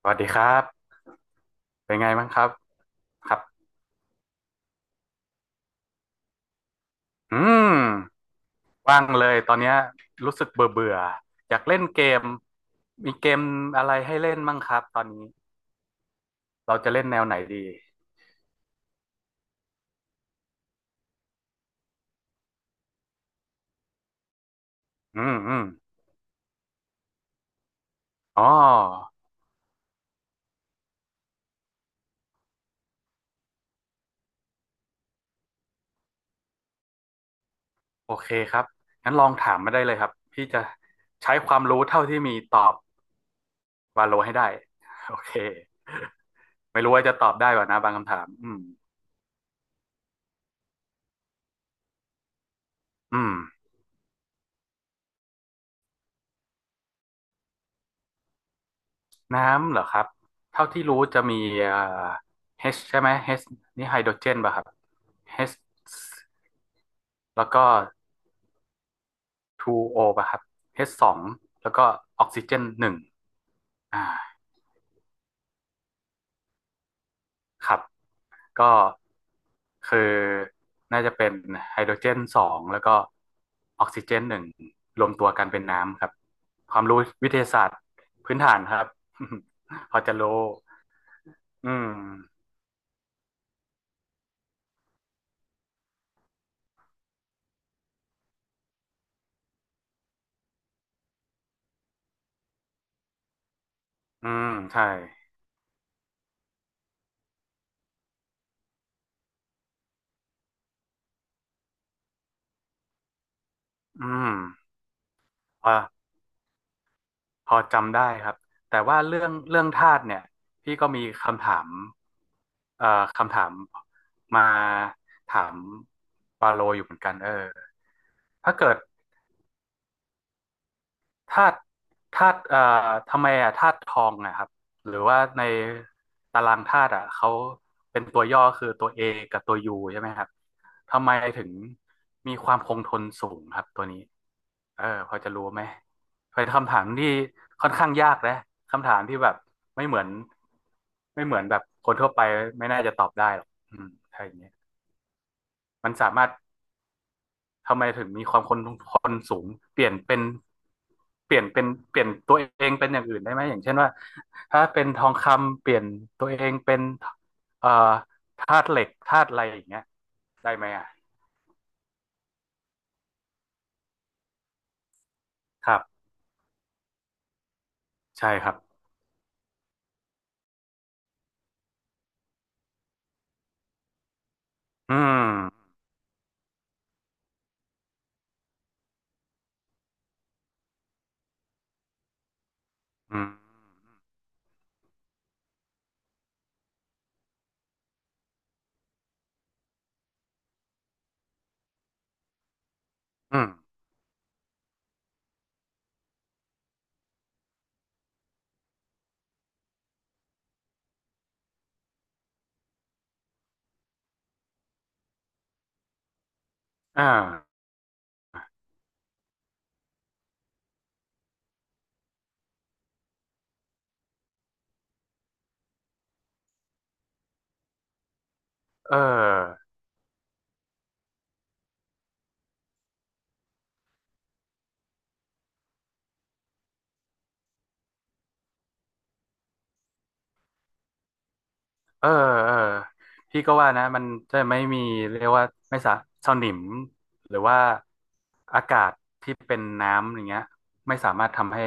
สวัสดีครับ เป็นไงบ้างครับครับอืมว่างเลยตอนเนี้ยรู้สึกเบื่อเบื่ออยากเล่นเกมมีเกมอะไรให้เล่นบ้างครับตอนนี้เราจะเล่นแนวไหนดีอืมอืมอ๋อโอเคครับงั้นลองถามมาได้เลยครับพี่จะใช้ความรู้เท่าที่มีตอบวาโลให้ได้โอเคไม่รู้ว่าจะตอบได้ป่ะนะบางคำถามอืมอืม น้ำเหรอครับ เท่าที่รู้จะมีเอ่อ H ใช่ไหม H นี่ไฮโดรเจนป่ะครับ H แล้วก็ 2O ป่ะครับ H สองแล้วก็ออกซิเจนหนึ่งอ่าครับ ก็คือน่าจะเป็นไฮโดรเจนสองแล้วก็ออกซิเจนหนึ่งรวมตัวกันเป็นน้ำครับ ความรู้วิทยาศาสตร์พื้นฐานครับ พอจะรู้ อืมอืมใช่ อืมอ่า พอจำได้ครับแต่ว่าเรื่องธาตุเนี่ยพี่ก็มีคำถามเอ่อคำถามมาถามปาโลอยู่เหมือนกันเออถ้าเกิด ธาตุธาตุทำไมอ่ะธาตุทองนะครับหรือว่าในตารางธาตุอ่ะเขาเป็นตัวย่อคือตัว A กับตัว U ใช่ไหมครับทำไมถึงมีความคงทนสูงครับตัวนี้เออพอจะรู้ไหมเป็นคำถามที่ค่อนข้างยากนะคำถามที่แบบไม่เหมือนไม่เหมือนแบบคนทั่วไปไม่น่าจะตอบได้หรอกอืมถ้าอย่างเงี้ยมันสามารถ ทำไมถึงมีความคนสูงเปลี่ยนเป็นเปลี่ยนเป็นเปลี่ยนตัวเองเป็นอย่างอื่นได้ไหมอย่างเช่นว่าถ้าเป็นทองคำเปลี่ยนตัวเองเป็นเอ่อธาตุเหล็กธาตุอะไรอย่างเงี้ยได้ไหมอ่ะครับใช่ครับอืมอืมอืมอ่าเออ เออเออพี่ก็ว่านะมันจะไม่มีเรียกว่าไม่สะสนิมหรือว่าอากาศที่เป็นน้ำอย่างเงี้ยไม่สามารถทำให้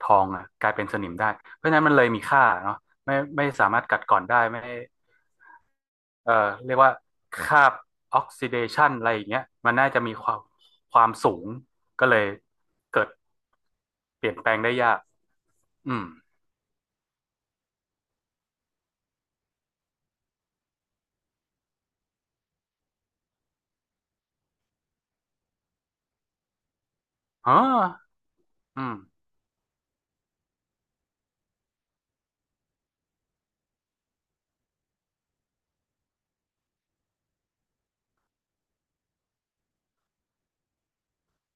ทองอ่ะกลายเป็นสนิมได้เพราะฉะนั้นมันเลยมีค่าเนาะไม่ไม่สามารถกัดกร่อนได้ไม่เออเรียกว่าคราบออกซิเดชันอะไรอย่างเงี้ยมันน่าจะมีความความสูงก็เลยเกิดเปลี่ยนแปลงได้ยากอืมอ๋ออืม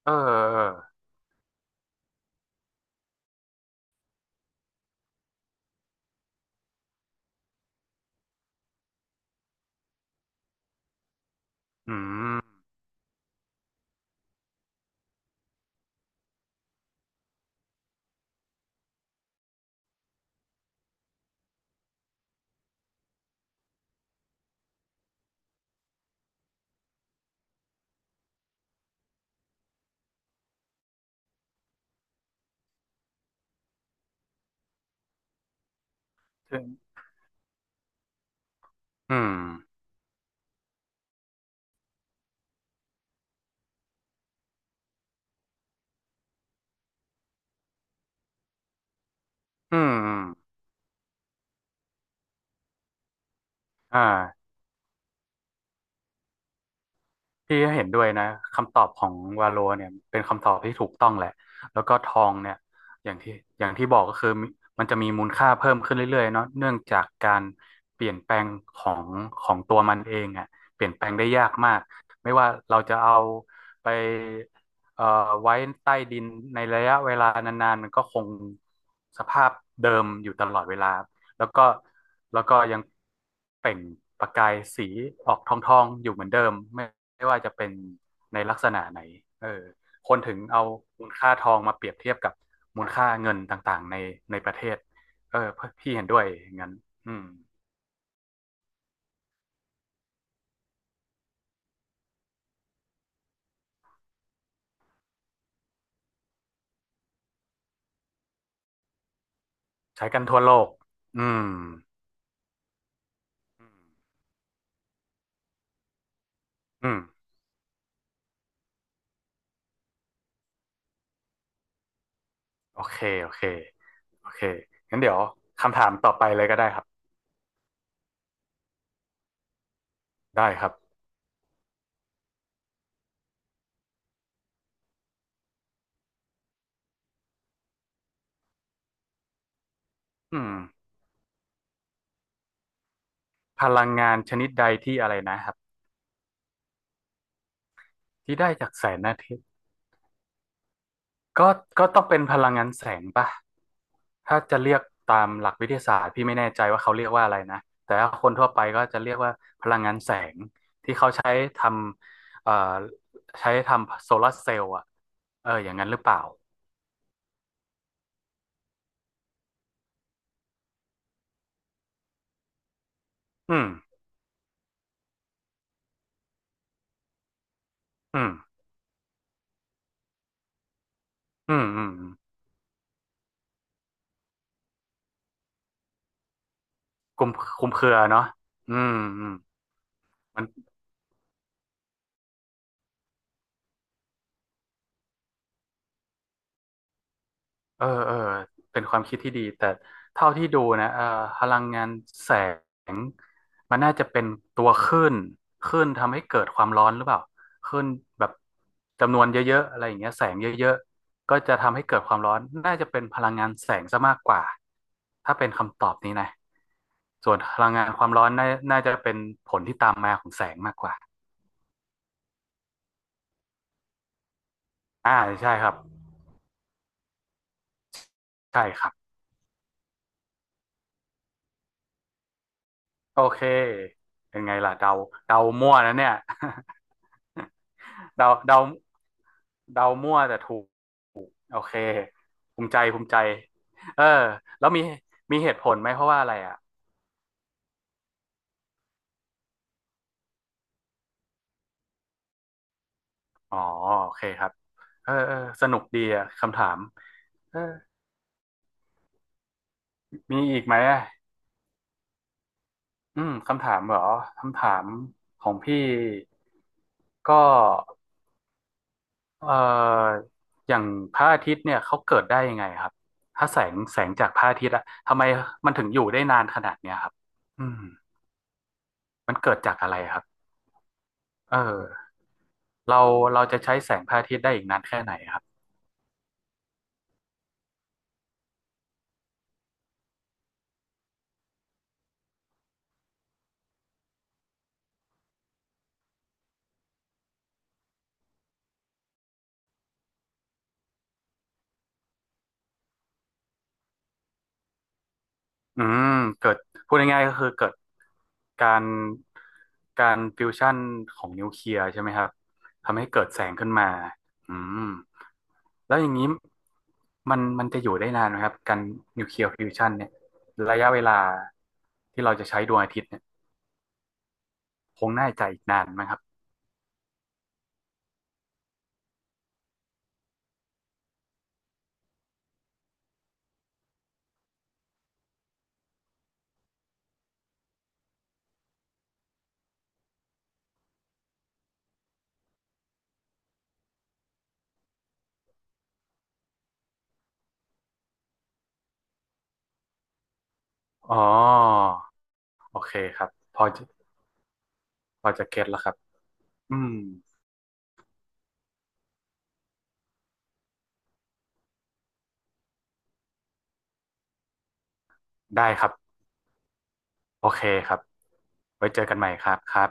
เออเอออืมอืม อืมอ่า พี่เห็นด้วยนะคำตอบของวาโลเนี่ยเป็นคำตอบที่ถูกต้องแหละแล้วก็ทองเนี่ยอย่างที่อย่างที่บอกก็คือมมันจะมีมูลค่าเพิ่มขึ้นเรื่อยๆเนาะเนื่องจากการเปลี่ยนแปลงของของตัวมันเองอ่ะเปลี่ยนแปลงได้ยากมากไม่ว่าเราจะเอาไปเอ่อไว้ใต้ดินในระยะเวลานานๆมันก็คงสภาพเดิมอยู่ตลอดเวลาแล้วก็แล้วก็ยังเปล่งประกายสีออกทองๆอยู่เหมือนเดิมไม่ ไม่ว่าจะเป็นในลักษณะไหนเออคนถึงเอามูลค่าทองมาเปรียบเทียบกับมูลค่าเงินต่างๆในประเทศเออพี่เห็นด้วยอย่างนั้นอืมใช้กันทั่วโลกอืมอืมโอเคโอเคโอเคงั้นเดี๋ยวคำถามต่อไปเลยก็ได้ครับได้ครับอืมพลังงานชนิดใดที่อะไรนะครับที่ได้จากแสงอาทิตย์ ก็ก็ต้องเป็นพลังงานแสงป่ะถ้าจะเรียกตามหลักวิทยาศาสตร์พี่ไม่แน่ใจว่าเขาเรียกว่าอะไรนะ แต่ว่าคนทั่วไปก็จะเรียกว่าพลังงานแสงที่เขาใช้ทำใช้ทำโซลาร์เซลล์อ่ะเอออย่างนั้นหรือเปล่า อืมอืมอืมอืมอืมคลุมคลุมเครือเนาะอืมอืมมัน เออเออเป็นความคิดที่ดีแต่เท่าที่ดูนะเออพลังงานแสงมันน่าจะเป็นตัวคลื่นคลื่นทำให้เกิดความร้อนหรือเปล่าคลื่นแบบจำนวนเยอะๆอะไรอย่างเงี้ยแสงเยอะๆก็จะทำให้เกิดความร้อนน่าจะเป็นพลังงานแสงซะมากกว่าถ้าเป็นคำตอบนี้นะส่วนพลังงานความร้อนน่าจะเป็นผลที่ตามมาของแสงมากกว่าอ่าใช่ครับใช่ครับ โอเค เป็นไงล่ะเดาเดามั่วนะเนี่ย เดาเดามั่วแต่ถูกโอเคภูมิใจภูมิใจเออแล้วมีมีเหตุผลไหมเพราะว่าอะไรอ่ะอ๋อโอเคครับเออเออสนุกดีอ่ะคำถามเออมีอีกไหมอ่ะอืมคำถามเหรอคำถามของพี่ก็ เอ่ออย่างพระอาทิตย์เนี่ยเขาเกิดได้ยังไงครับถ้าแสงจากพระอาทิตย์อะทำไมมันถึงอยู่ได้นานขนาดเนี้ยครับอืมมันเกิดจากอะไรครับเออเราเราจะใช้แสงพระอาทิตย์ได้อีกนานแค่ไหนครับ อืมเกิดพูดง่ายๆก็คือเกิดการการฟิวชั่นของนิวเคลียร์ใช่ไหมครับทำให้เกิดแสงขึ้นมาอืมแล้วอย่างนี้มันจะอยู่ได้นานไหมครับการนิวเคลียร์ฟิวชันเนี่ยระยะเวลาที่เราจะใช้ดวงอาทิตย์เนี่ยคงน่าจะอีกนานไหมครับอ๋อโอเคครับพอจะพอจะเก็ตแล้วครับอืมได้ครับโอเคครับไว้เจอกันใหม่ครับครับ